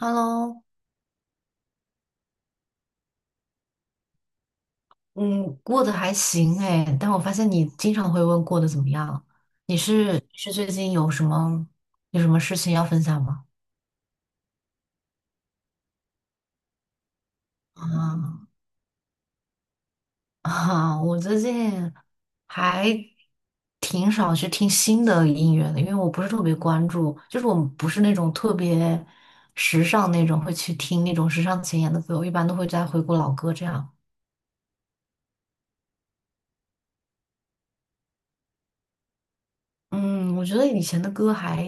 Hello，嗯，过得还行哎，但我发现你经常会问过得怎么样。你是最近有什么事情要分享吗？啊啊，我最近还挺少去听新的音乐的，因为我不是特别关注，就是我不是那种特别时尚那种会去听那种时尚前沿的歌，我一般都会在回顾老歌这样。嗯，我觉得以前的歌还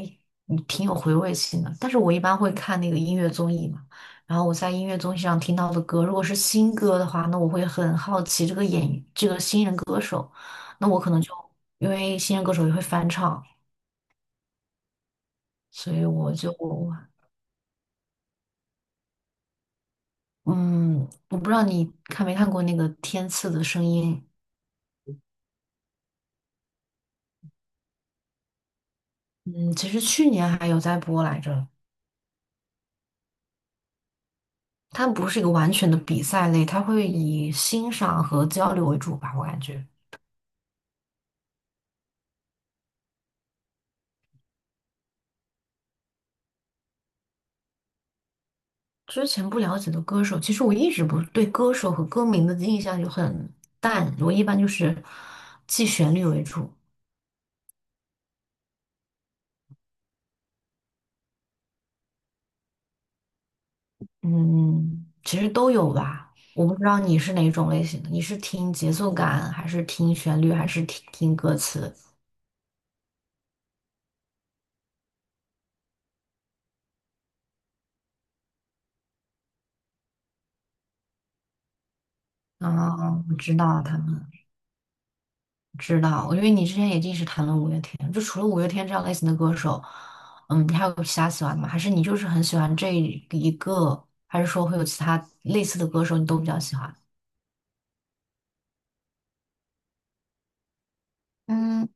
嗯挺有回味性的，但是我一般会看那个音乐综艺嘛，然后我在音乐综艺上听到的歌，如果是新歌的话，那我会很好奇这个演这个新人歌手，那我可能就因为新人歌手也会翻唱，所以我就嗯，我不知道你看没看过那个《天赐的声音》。嗯，其实去年还有在播来着。它不是一个完全的比赛类，它会以欣赏和交流为主吧，我感觉。之前不了解的歌手，其实我一直不对歌手和歌名的印象就很淡，我一般就是记旋律为主。嗯，其实都有吧。我不知道你是哪种类型的，你是听节奏感，还是听旋律，还是听歌词？啊，我知道他们，知道，因为你之前也一直谈论五月天，就除了五月天这样类型的歌手，嗯，你还有其他喜欢的吗？还是你就是很喜欢这一个，还是说会有其他类似的歌手你都比较喜欢？嗯。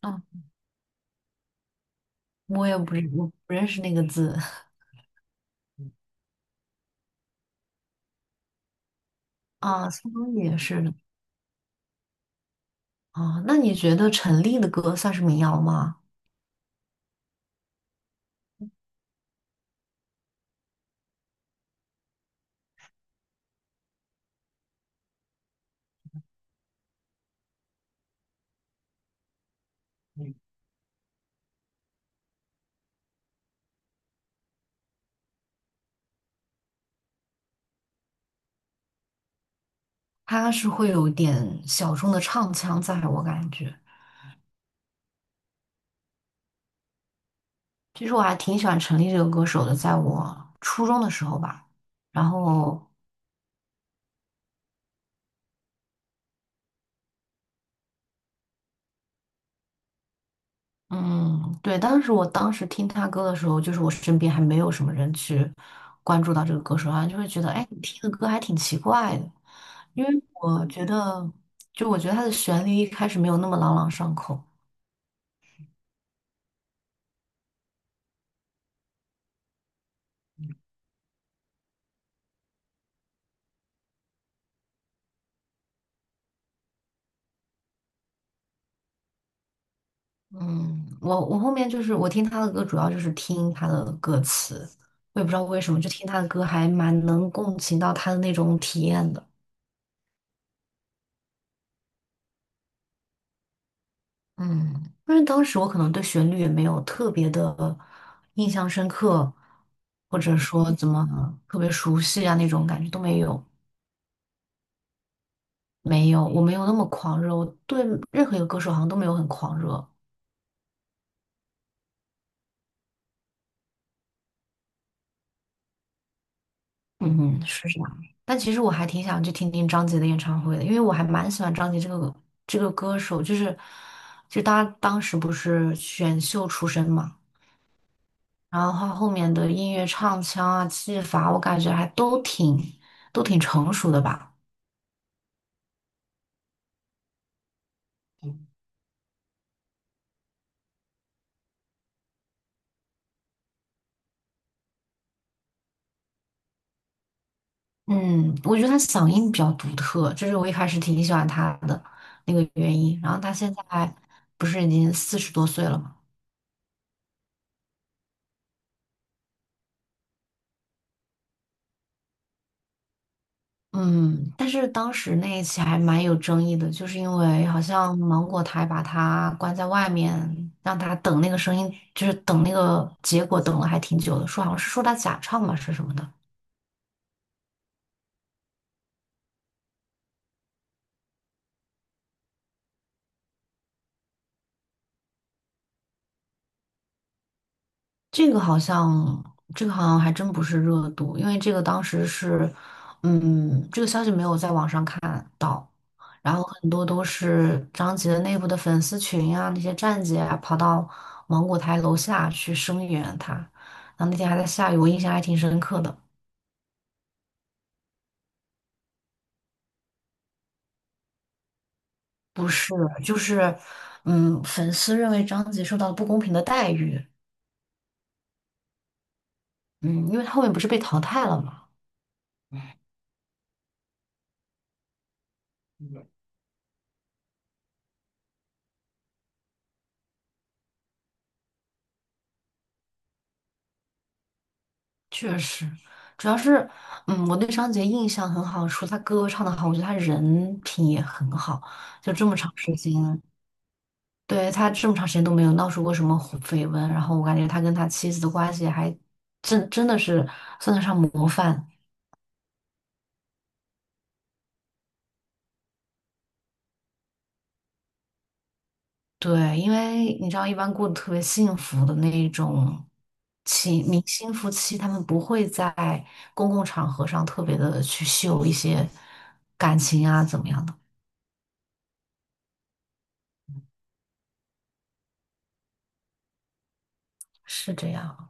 啊，我不认识那个字啊，苏东雨也是的。啊，那你觉得陈粒的歌算是民谣吗？它是会有一点小众的唱腔在，我感觉。其实我还挺喜欢陈粒这个歌手的，在我初中的时候吧。然后，嗯，对，当时我听他歌的时候，就是我身边还没有什么人去关注到这个歌手啊，然后就会觉得，哎，你听的歌还挺奇怪的。因为我觉得，他的旋律一开始没有那么朗朗上口。嗯，我后面就是我听他的歌，主要就是听他的歌词，我也不知道为什么，就听他的歌还蛮能共情到他的那种体验的。嗯，因为当时我可能对旋律也没有特别的印象深刻，或者说怎么特别熟悉啊那种感觉都没有。没有，我没有那么狂热，我对任何一个歌手好像都没有很狂热。嗯，是这样。但其实我还挺想去听听张杰的演唱会的，因为我还蛮喜欢张杰这个歌手，就是就他当时不是选秀出身嘛，然后他后面的音乐唱腔啊、技法，我感觉还都挺都挺成熟的吧。嗯，我觉得他嗓音比较独特，这是我一开始挺喜欢他的那个原因。然后他现在不是已经四十多岁了嘛？嗯，但是当时那一起还蛮有争议的，就是因为好像芒果台把他关在外面，让他等那个声音，就是等那个结果，等了还挺久的，说好像是说他假唱吧，是什么的。这个好像，这个好像还真不是热度，因为这个当时是，嗯，这个消息没有在网上看到。然后很多都是张杰的内部的粉丝群啊，那些站姐啊，跑到芒果台楼下去声援他。然后那天还在下雨，我印象还挺深刻的。不是，就是，嗯，粉丝认为张杰受到了不公平的待遇。嗯，因为他后面不是被淘汰了嘛。确实，主要是，嗯，我对张杰印象很好，除了他歌唱的好，我觉得他人品也很好。就这么长时间。对，他这么长时间都没有闹出过什么红绯闻，然后我感觉他跟他妻子的关系还真的是算得上模范。对，因为你知道，一般过得特别幸福的那一种情明星夫妻，他们不会在公共场合上特别的去秀一些感情啊，怎么样的，是这样。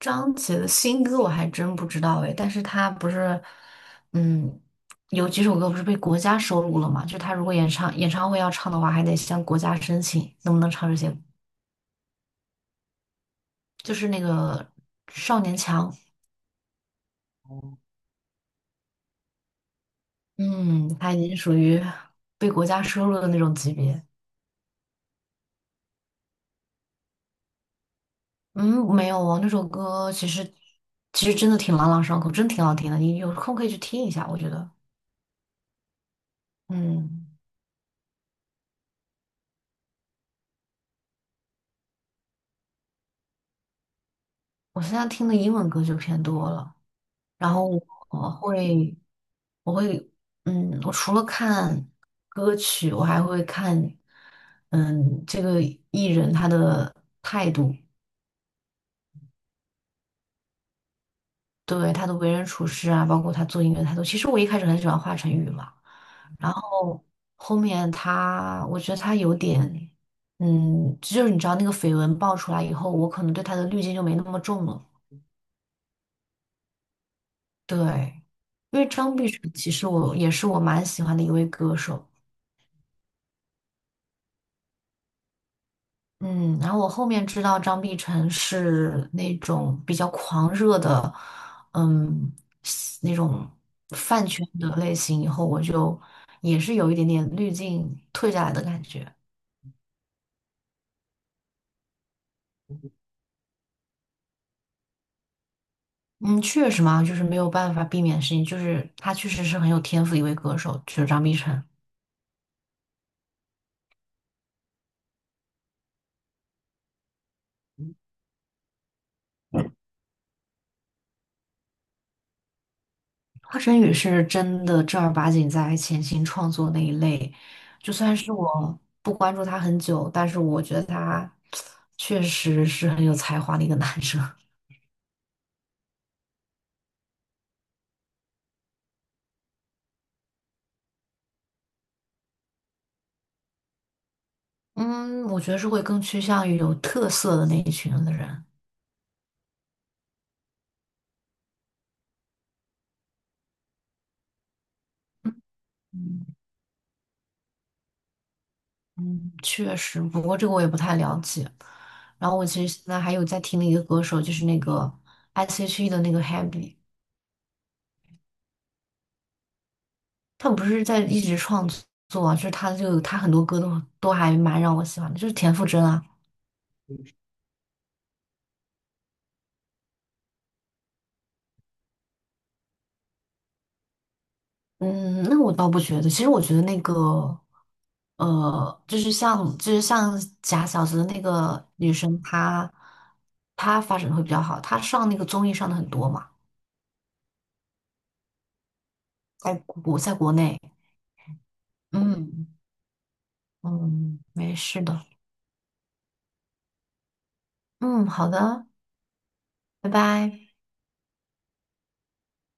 张杰的新歌我还真不知道哎，但是他不是，嗯，有几首歌不是被国家收录了吗？就他如果演唱会要唱的话，还得向国家申请能不能唱这些。就是那个少年强。嗯，他已经属于被国家收录的那种级别。嗯，没有哦，那首歌其实真的挺朗朗上口，真挺好听的，你有空可以去听一下，我觉得。嗯，我现在听的英文歌就偏多了。然后我会，我会，嗯，我除了看歌曲，我还会看，嗯，这个艺人他的态度。对，他的为人处事啊，包括他做音乐的态度。其实我一开始很喜欢华晨宇嘛，然后后面他，我觉得他有点，嗯，就是你知道那个绯闻爆出来以后，我可能对他的滤镜就没那么重了。对。因为张碧晨其实我也是我蛮喜欢的一位歌手。嗯，然后我后面知道张碧晨是那种比较狂热的，嗯，那种饭圈的类型，以后我就也是有一点点滤镜退下来的感觉。嗯，确实嘛，就是没有办法避免的事情，就是他确实是很有天赋的一位歌手，就是张碧晨。华晨宇是真的正儿八经在潜心创作那一类，就算是我不关注他很久，但是我觉得他确实是很有才华的一个男生。嗯，我觉得是会更趋向于有特色的那一群的人。嗯，确实，不过这个我也不太了解。然后我其实现在还有在听的一个歌手，就是那个 S.H.E 的那个 Happy。他不是在一直创作啊，就是他很多歌都还蛮让我喜欢的，就是田馥甄啊。嗯，那我倒不觉得，其实我觉得那个呃，就是像假小子的那个女生，她发展得会比较好，她上那个综艺上的很多嘛。在国内，嗯嗯，没事的。嗯，好的，拜拜。